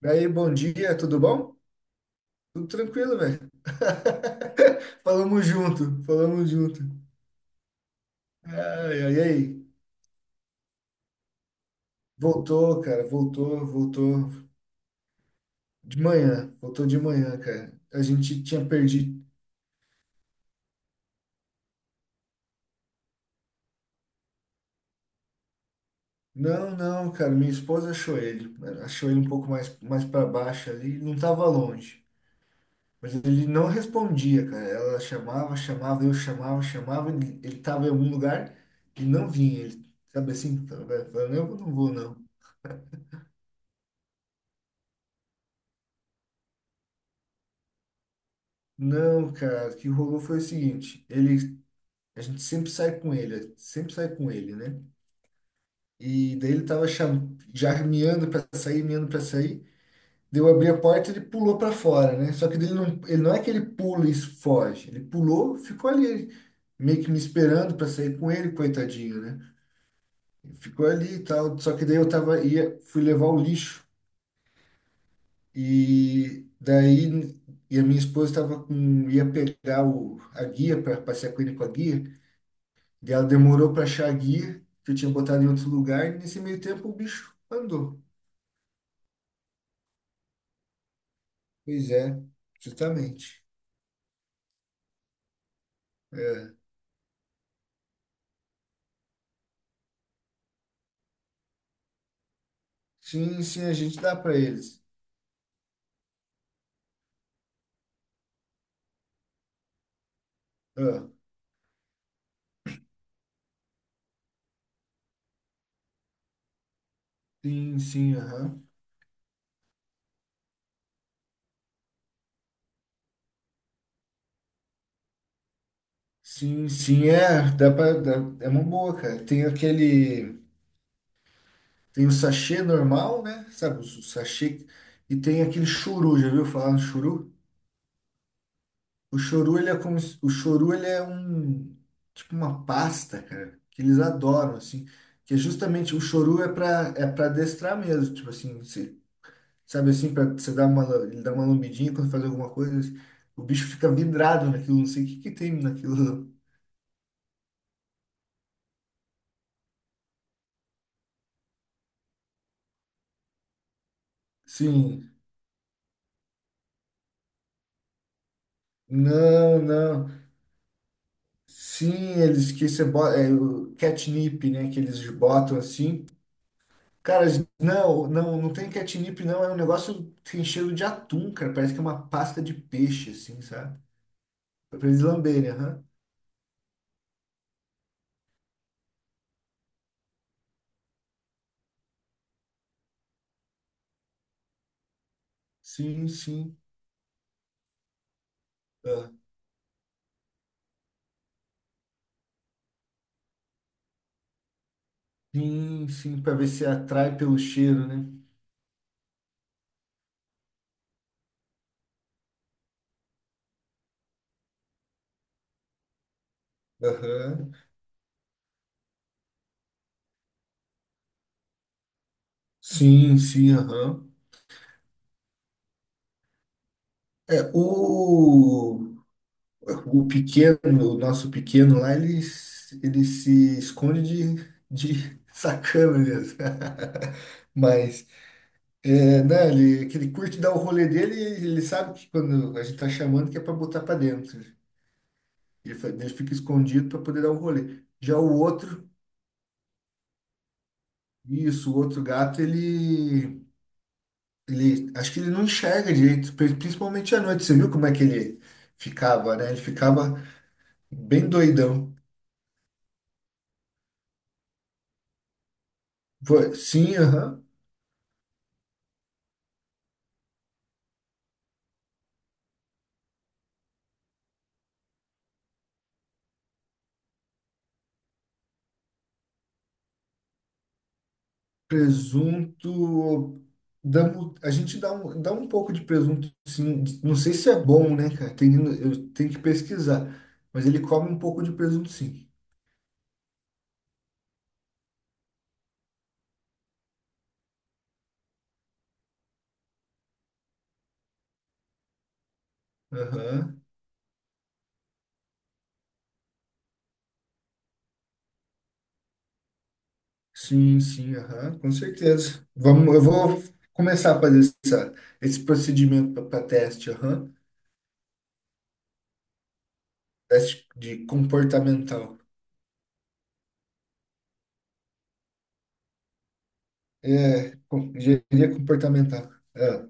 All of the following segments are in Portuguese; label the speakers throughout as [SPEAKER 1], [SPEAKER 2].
[SPEAKER 1] Daí, bom dia, tudo bom? Tudo tranquilo, velho. Falamos junto, falamos junto. Ai, ai, ai. Voltou, cara, voltou, voltou de manhã, cara. A gente tinha perdido. Não, não, cara, minha esposa achou ele. Achou ele um pouco mais, mais para baixo ali, não tava longe. Mas ele não respondia, cara. Ela chamava, chamava, eu chamava, chamava, ele tava em algum lugar e não vinha. Ele, sabe assim, falando, eu não vou, não. Não, cara, o que rolou foi o seguinte, ele, a gente sempre sai com ele, sempre sai com ele, né? E daí ele tava já miando pra sair, miando pra sair. Daí eu abri a porta, ele pulou pra fora, né? Só que daí ele não é que ele pula e foge, ele pulou, ficou ali meio que me esperando pra sair com ele, coitadinho, né? Ficou ali e tal, só que daí eu tava ia fui levar o lixo e daí e a minha esposa tava com ia pegar o a guia para passear com ele com a guia. E ela demorou para achar a guia, que eu tinha botado em outro lugar, e nesse meio tempo o bicho andou. Pois é, justamente. É. Sim, sim, a gente dá para eles. Ah, sim, sim, aham. Sim, sim, é, dá para, é uma boa, cara. Tem aquele, tem o sachê normal, né? Sabe, o sachê, e tem aquele churu, já viu falar no churu? O choru, ele é como, o choru, ele é um, tipo uma pasta, cara, que eles adoram, assim, que é justamente, o choru é pra adestrar mesmo, tipo assim, você, sabe assim, pra você dar uma, ele dá uma lambidinha quando faz alguma coisa, assim, o bicho fica vidrado naquilo, não sei o que que tem naquilo. Sim, não, não. Sim, eles que você bota, é o catnip, né, que eles botam assim. Cara, não, não, não tem catnip, não. É um negócio que tem cheiro de atum, cara. Parece que é uma pasta de peixe, assim, sabe? É pra eles lamberem, aham. Sim, sim. Ah, sim, sim, pra ver se atrai pelo cheiro, né? Aham. Sim, sim, aham. É, o pequeno, o nosso pequeno lá, ele, ele se esconde de sacana mesmo. Mas. É, né, ele, que ele curte dar o rolê dele e ele sabe que quando a gente tá chamando que é para botar para dentro. Ele, ele fica escondido para poder dar o rolê. Já o outro, isso, o outro gato, ele, acho que ele não enxerga direito, principalmente à noite. Você viu como é que ele ficava, né? Ele ficava bem doidão. Sim, aham. Presunto. A gente dá um pouco de presunto, sim. Não sei se é bom, né, cara? Tem, eu tenho que pesquisar. Mas ele come um pouco de presunto, sim. Aham. Sim, sim, aham. Com certeza. Vamos, eu vou começar a fazer essa, esse procedimento para teste, aham. Teste de comportamental. É, engenharia comportamental. É.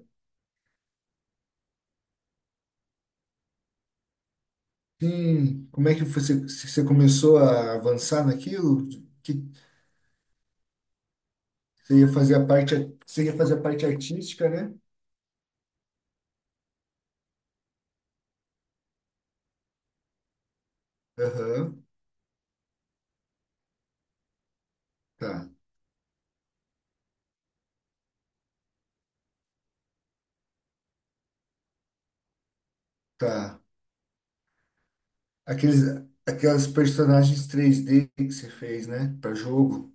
[SPEAKER 1] Sim, como é que você, se você começou a avançar naquilo? Você ia fazer a parte, você ia fazer a parte artística, né? Aham, tá, tá. Aqueles, aquelas personagens 3D que você fez, né? Para jogo.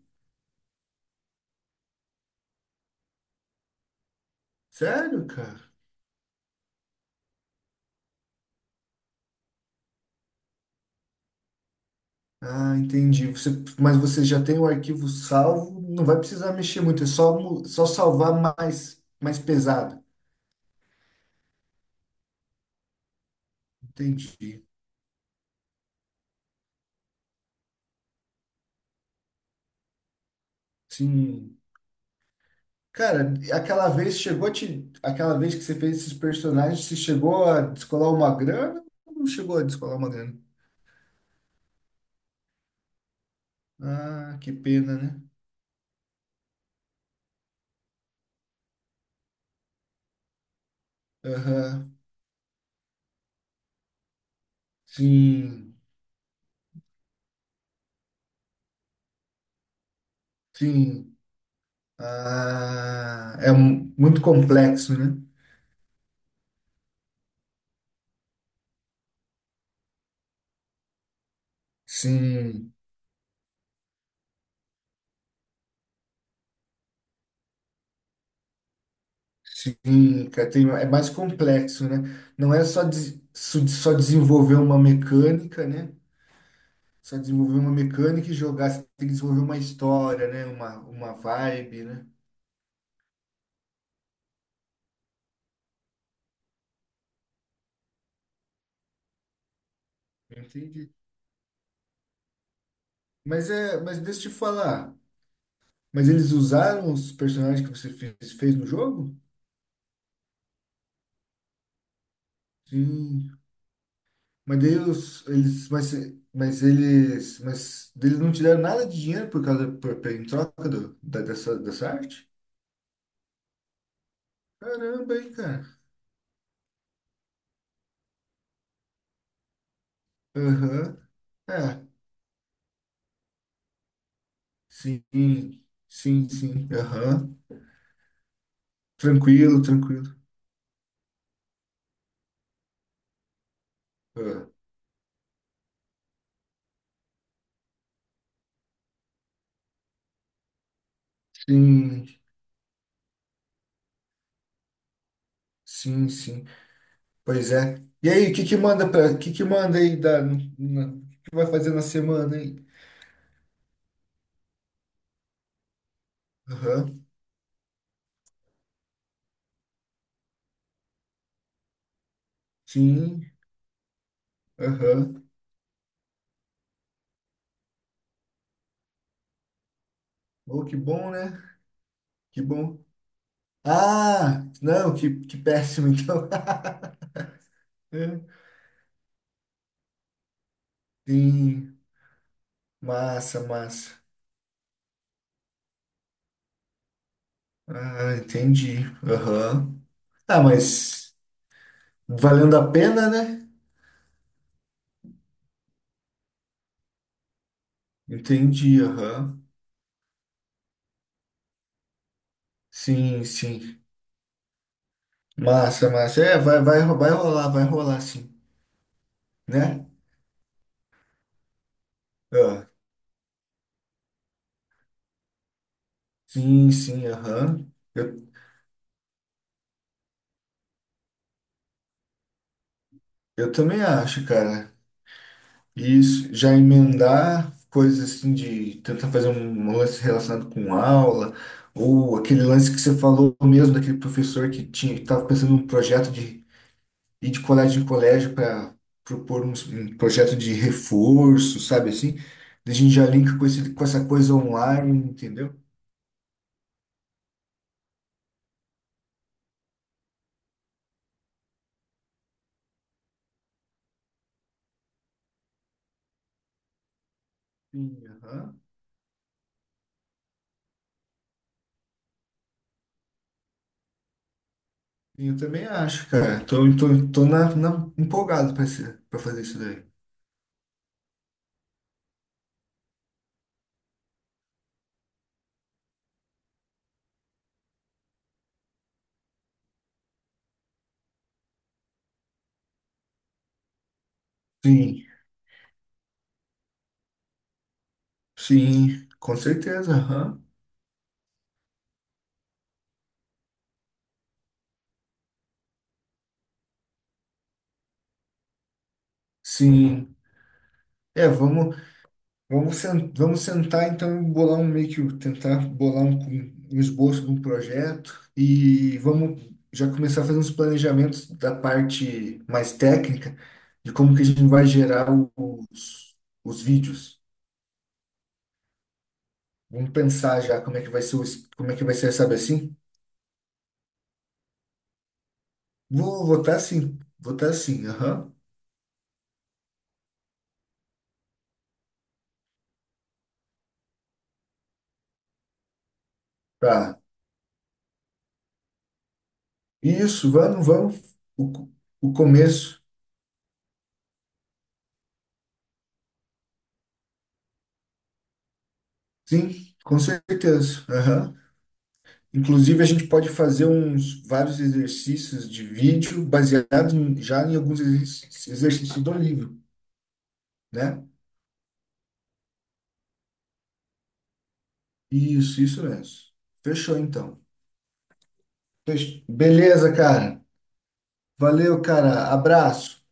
[SPEAKER 1] Sério, cara? Ah, entendi. Você, mas você já tem o arquivo salvo, não vai precisar mexer muito, é só, só salvar mais, mais pesado. Entendi. Sim. Cara, aquela vez chegou a te, aquela vez que você fez esses personagens, você chegou a descolar uma grana ou não chegou a descolar uma grana? Ah, que pena, né? Aham. Sim, sim. Ah, muito complexo, né? Sim, sim, cara, é mais complexo, né? Não é só, só desenvolver uma mecânica, né? Só desenvolver uma mecânica e jogar, você tem que desenvolver uma história, né? Uma vibe, né? Entendi. Mas é, mas deixa eu te falar. Mas eles usaram os personagens que você fez, fez no jogo? Sim. Mas daí os, eles, mas eles não te deram nada de dinheiro por causa, em troca do, da, dessa, dessa arte? Caramba, hein, cara. Aham. É, sim, sim, sim. Aham. Tranquilo, tranquilo. Ah, sim, sim, sim. Pois é. E aí, o que que manda pra, o que que vai fazer na semana aí? Aham. Sim, aham. Oh, que bom, né? Que bom. Ah, não, que péssimo, então. Sim, massa, massa. Ah, entendi. Aham. Ah, mas valendo a pena, né? Entendi, aham. Sim, sim. Massa, massa. É, vai, vai, vai rolar, sim. Né? Ah, sim, sim, aham. Eu, eu também acho, cara. Isso, já emendar coisas assim de tentar fazer um lance relacionado com aula, ou aquele lance que você falou mesmo daquele professor que tinha, que estava pensando num projeto de ir de colégio em colégio para propor um, projeto de reforço, sabe assim? Daí a gente já linka com esse, com essa coisa online, entendeu? Sim, aham. Sim, eu também acho, cara. Tô empolgado para fazer isso daí. Sim, sim, com certeza, aham. Sim. É, vamos. Vamos, vamos sentar então e bolar um meio que tentar bolar um, um esboço de um projeto e vamos já começar a fazer uns planejamentos da parte mais técnica de como que a gente vai gerar os, os vídeos. Vamos pensar já como é que vai ser o, como é que vai ser, sabe assim? Vou votar sim, aham. Tá. Isso, vamos, vamos. O começo, sim, com certeza. Aham. Inclusive, a gente pode fazer uns vários exercícios de vídeo baseados já em alguns exercícios do livro, né? Isso mesmo. Fechou, então. Beleza, cara. Valeu, cara. Abraço.